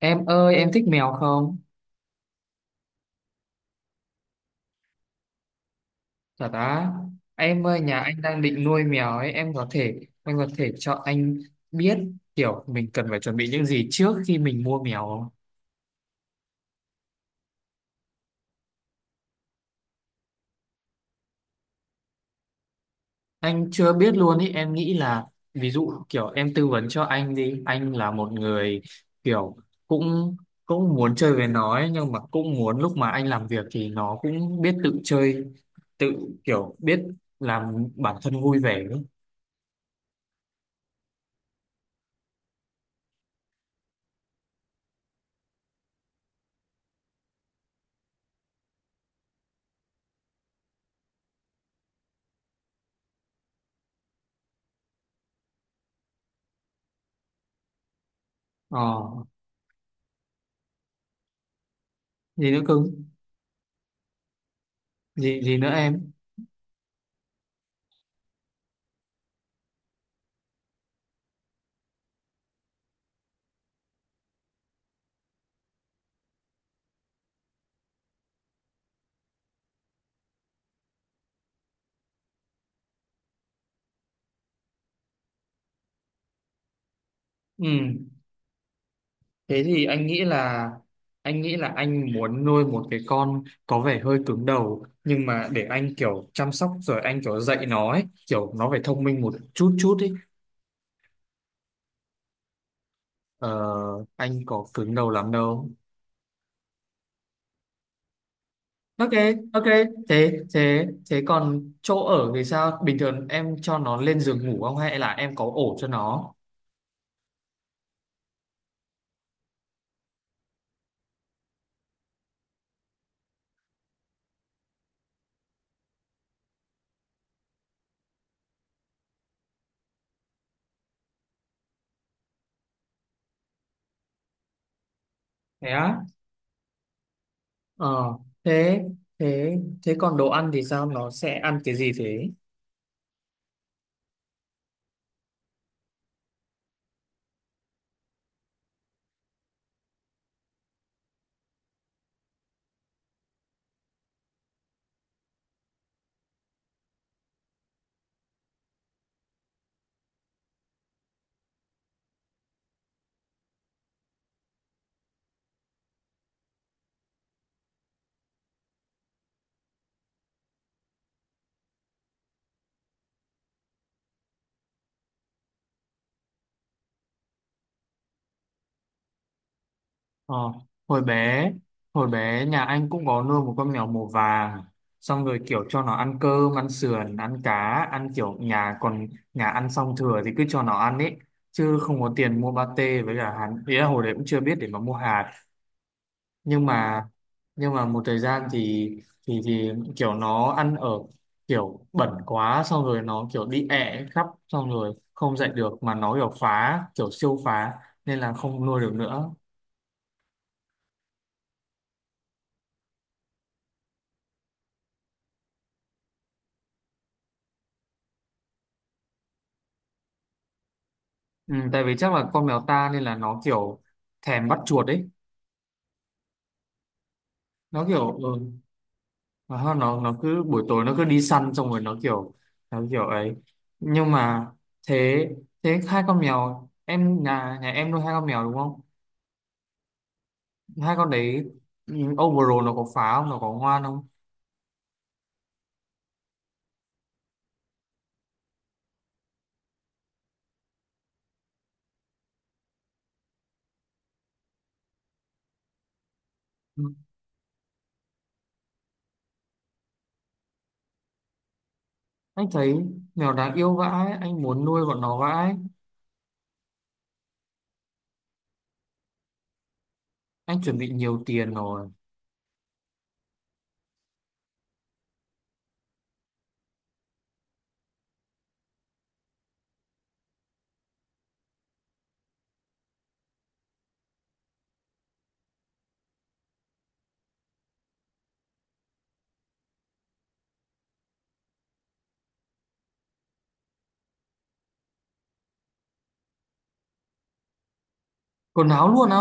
Em ơi, em thích mèo không? Thật á, em ơi, nhà anh đang định nuôi mèo ấy, em có thể, anh có thể cho anh biết kiểu mình cần phải chuẩn bị những gì trước khi mình mua mèo không? Anh chưa biết luôn ý, em nghĩ là, ví dụ kiểu em tư vấn cho anh đi, anh là một người kiểu cũng cũng muốn chơi với nó ấy, nhưng mà cũng muốn lúc mà anh làm việc thì nó cũng biết tự chơi, tự kiểu biết làm bản thân vui vẻ ấy. Ờ, gì nữa cưng? Gì, gì nữa em? Ừ. Thế thì anh nghĩ là anh muốn nuôi một cái con có vẻ hơi cứng đầu nhưng mà để anh kiểu chăm sóc rồi anh kiểu dạy nó ấy, kiểu nó phải thông minh một chút chút ấy. Ờ, anh có cứng đầu lắm đâu. Ok, ok. Thế thế thế còn chỗ ở thì sao? Bình thường em cho nó lên giường ngủ không hay là em có ổ cho nó? Thế á? Ờ, thế thế thế còn đồ ăn thì sao? Nó sẽ ăn cái gì thế? Ờ, hồi bé hồi bé nhà anh cũng có nuôi một con mèo màu vàng xong rồi kiểu cho nó ăn cơm ăn sườn ăn cá ăn kiểu nhà còn nhà ăn xong thừa thì cứ cho nó ăn ấy chứ không có tiền mua pate với cả hạt ý là hồi đấy cũng chưa biết để mà mua hạt nhưng mà nhưng mà một thời gian thì thì kiểu nó ăn ở kiểu bẩn quá xong rồi nó kiểu đi ẹ khắp xong rồi không dạy được mà nó kiểu phá kiểu siêu phá nên là không nuôi được nữa. Ừ, tại vì chắc là con mèo ta nên là nó kiểu thèm bắt chuột ấy nó kiểu ừ, nó cứ buổi tối nó cứ đi săn xong rồi nó kiểu ấy nhưng mà thế thế hai con mèo em nhà nhà em nuôi hai con mèo đúng không hai con đấy ừ, overall nó có phá không nó có ngoan không? Ừ, anh thấy mèo đáng yêu vãi anh muốn nuôi bọn nó vãi. Anh chuẩn bị nhiều tiền rồi. Quần áo luôn á?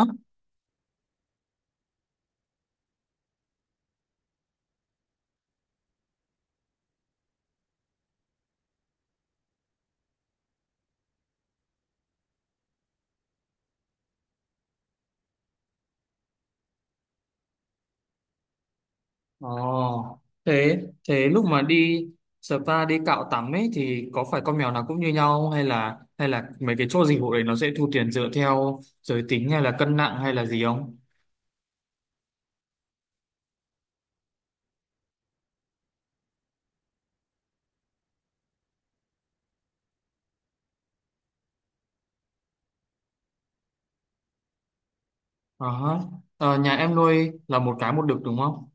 Ồ, thế thế lúc mà đi spa đi cạo tắm ấy thì có phải con mèo nào cũng như nhau không? Hay là hay là mấy cái chỗ dịch vụ đấy nó sẽ thu tiền dựa theo giới tính hay là cân nặng hay là gì không? Ờ, hả. Ờ, nhà em nuôi là một cái một đực đúng không?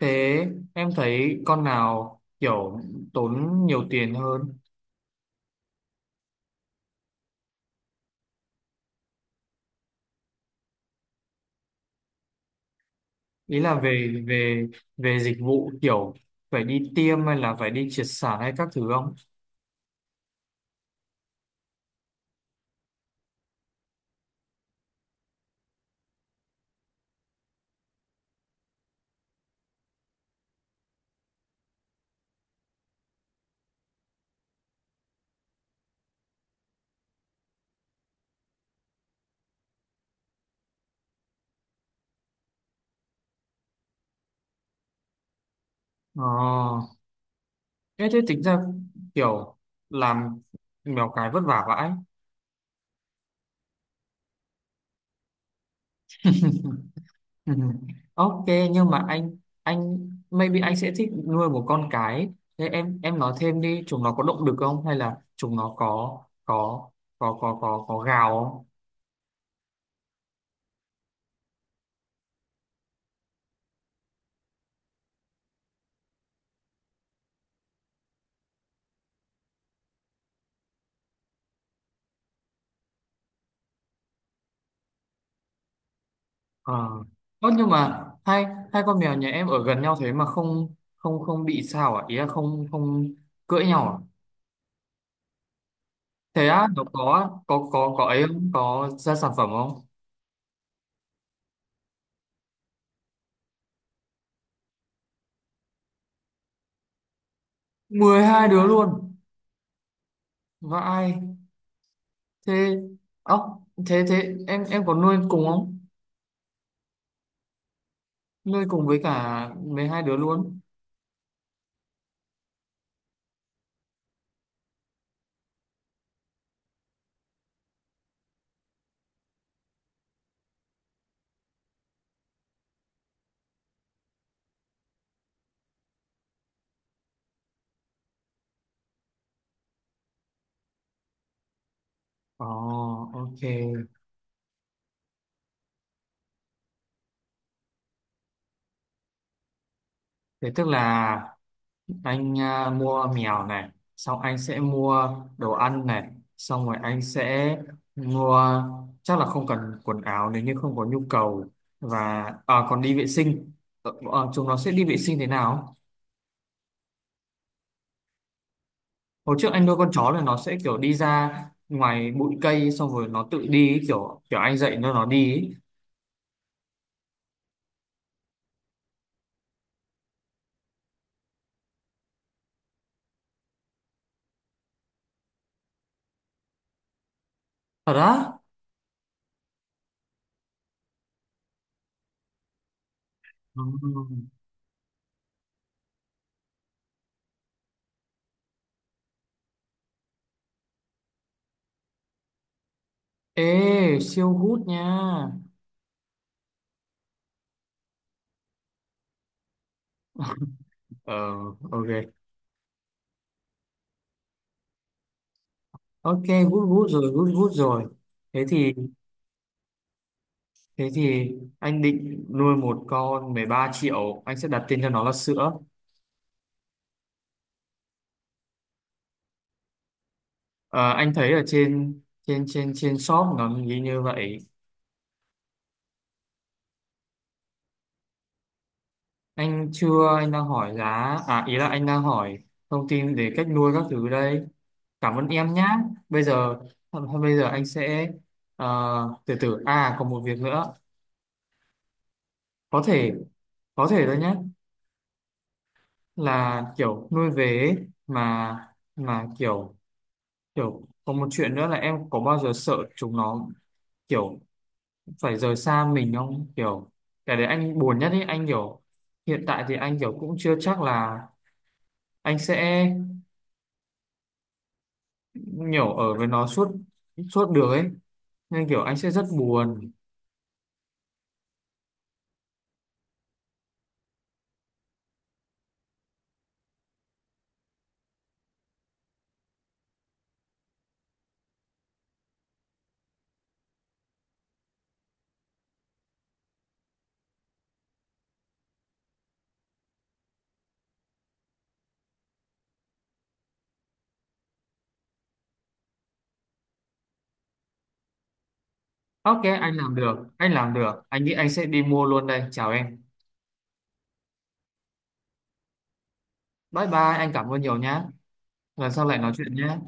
Thế em thấy con nào kiểu tốn nhiều tiền hơn? Ý là về về về dịch vụ kiểu phải đi tiêm hay là phải đi triệt sản hay các thứ không? Ờ. Thế thế tính ra kiểu làm mèo cái vất vả vãi. Ừ. Ok nhưng mà anh maybe anh sẽ thích nuôi một con cái. Thế em nói thêm đi, chúng nó có động lực không hay là chúng nó có có gào không? Ờ. Ơ, nhưng mà hai hai con mèo nhà em ở gần nhau thế mà không không không bị sao à? Ý là không không cưỡi nhau à? Thế á, nó có ấy không? Có ra sản phẩm không? Mười hai đứa luôn. Vãi. Thế ốc thế thế em có nuôi cùng không? Nuôi cùng với cả với hai đứa luôn? Ồ, ok. Thế tức là anh à, mua mèo này, xong anh sẽ mua đồ ăn này, xong rồi anh sẽ mua chắc là không cần quần áo nếu như không có nhu cầu và à, còn đi vệ sinh. Ờ, ờ, chúng nó sẽ đi vệ sinh thế nào? Hồi trước anh nuôi con chó là nó sẽ kiểu đi ra ngoài bụi cây xong rồi nó tự đi ấy, kiểu kiểu anh dạy nó đi ấy. Thật á? Ừ. Ê, siêu gút nha. Ờ, ok. Ok, gút gút rồi, gút gút rồi. Thế thì thế thì anh định nuôi một con 13 triệu, anh sẽ đặt tên cho nó là sữa. Ờ, anh thấy ở trên trên shop nó ghi như vậy. Anh chưa, anh đang hỏi giá, à ý là anh đang hỏi thông tin về cách nuôi các thứ đây. Cảm ơn em nhá. Bây giờ thôi, bây giờ anh sẽ ờ, từ từ à còn một việc nữa. Có thể có thể thôi nhé là kiểu nuôi về ấy, mà mà kiểu kiểu có một chuyện nữa là em có bao giờ sợ chúng nó kiểu phải rời xa mình không kiểu cái đấy anh buồn nhất ấy anh kiểu hiện tại thì anh kiểu cũng chưa chắc là anh sẽ kiểu ở với nó suốt suốt được ấy nên kiểu anh sẽ rất buồn ok anh làm được anh làm được anh nghĩ anh sẽ đi mua luôn đây chào em bye bye anh cảm ơn nhiều nhá lần sau lại nói chuyện nhé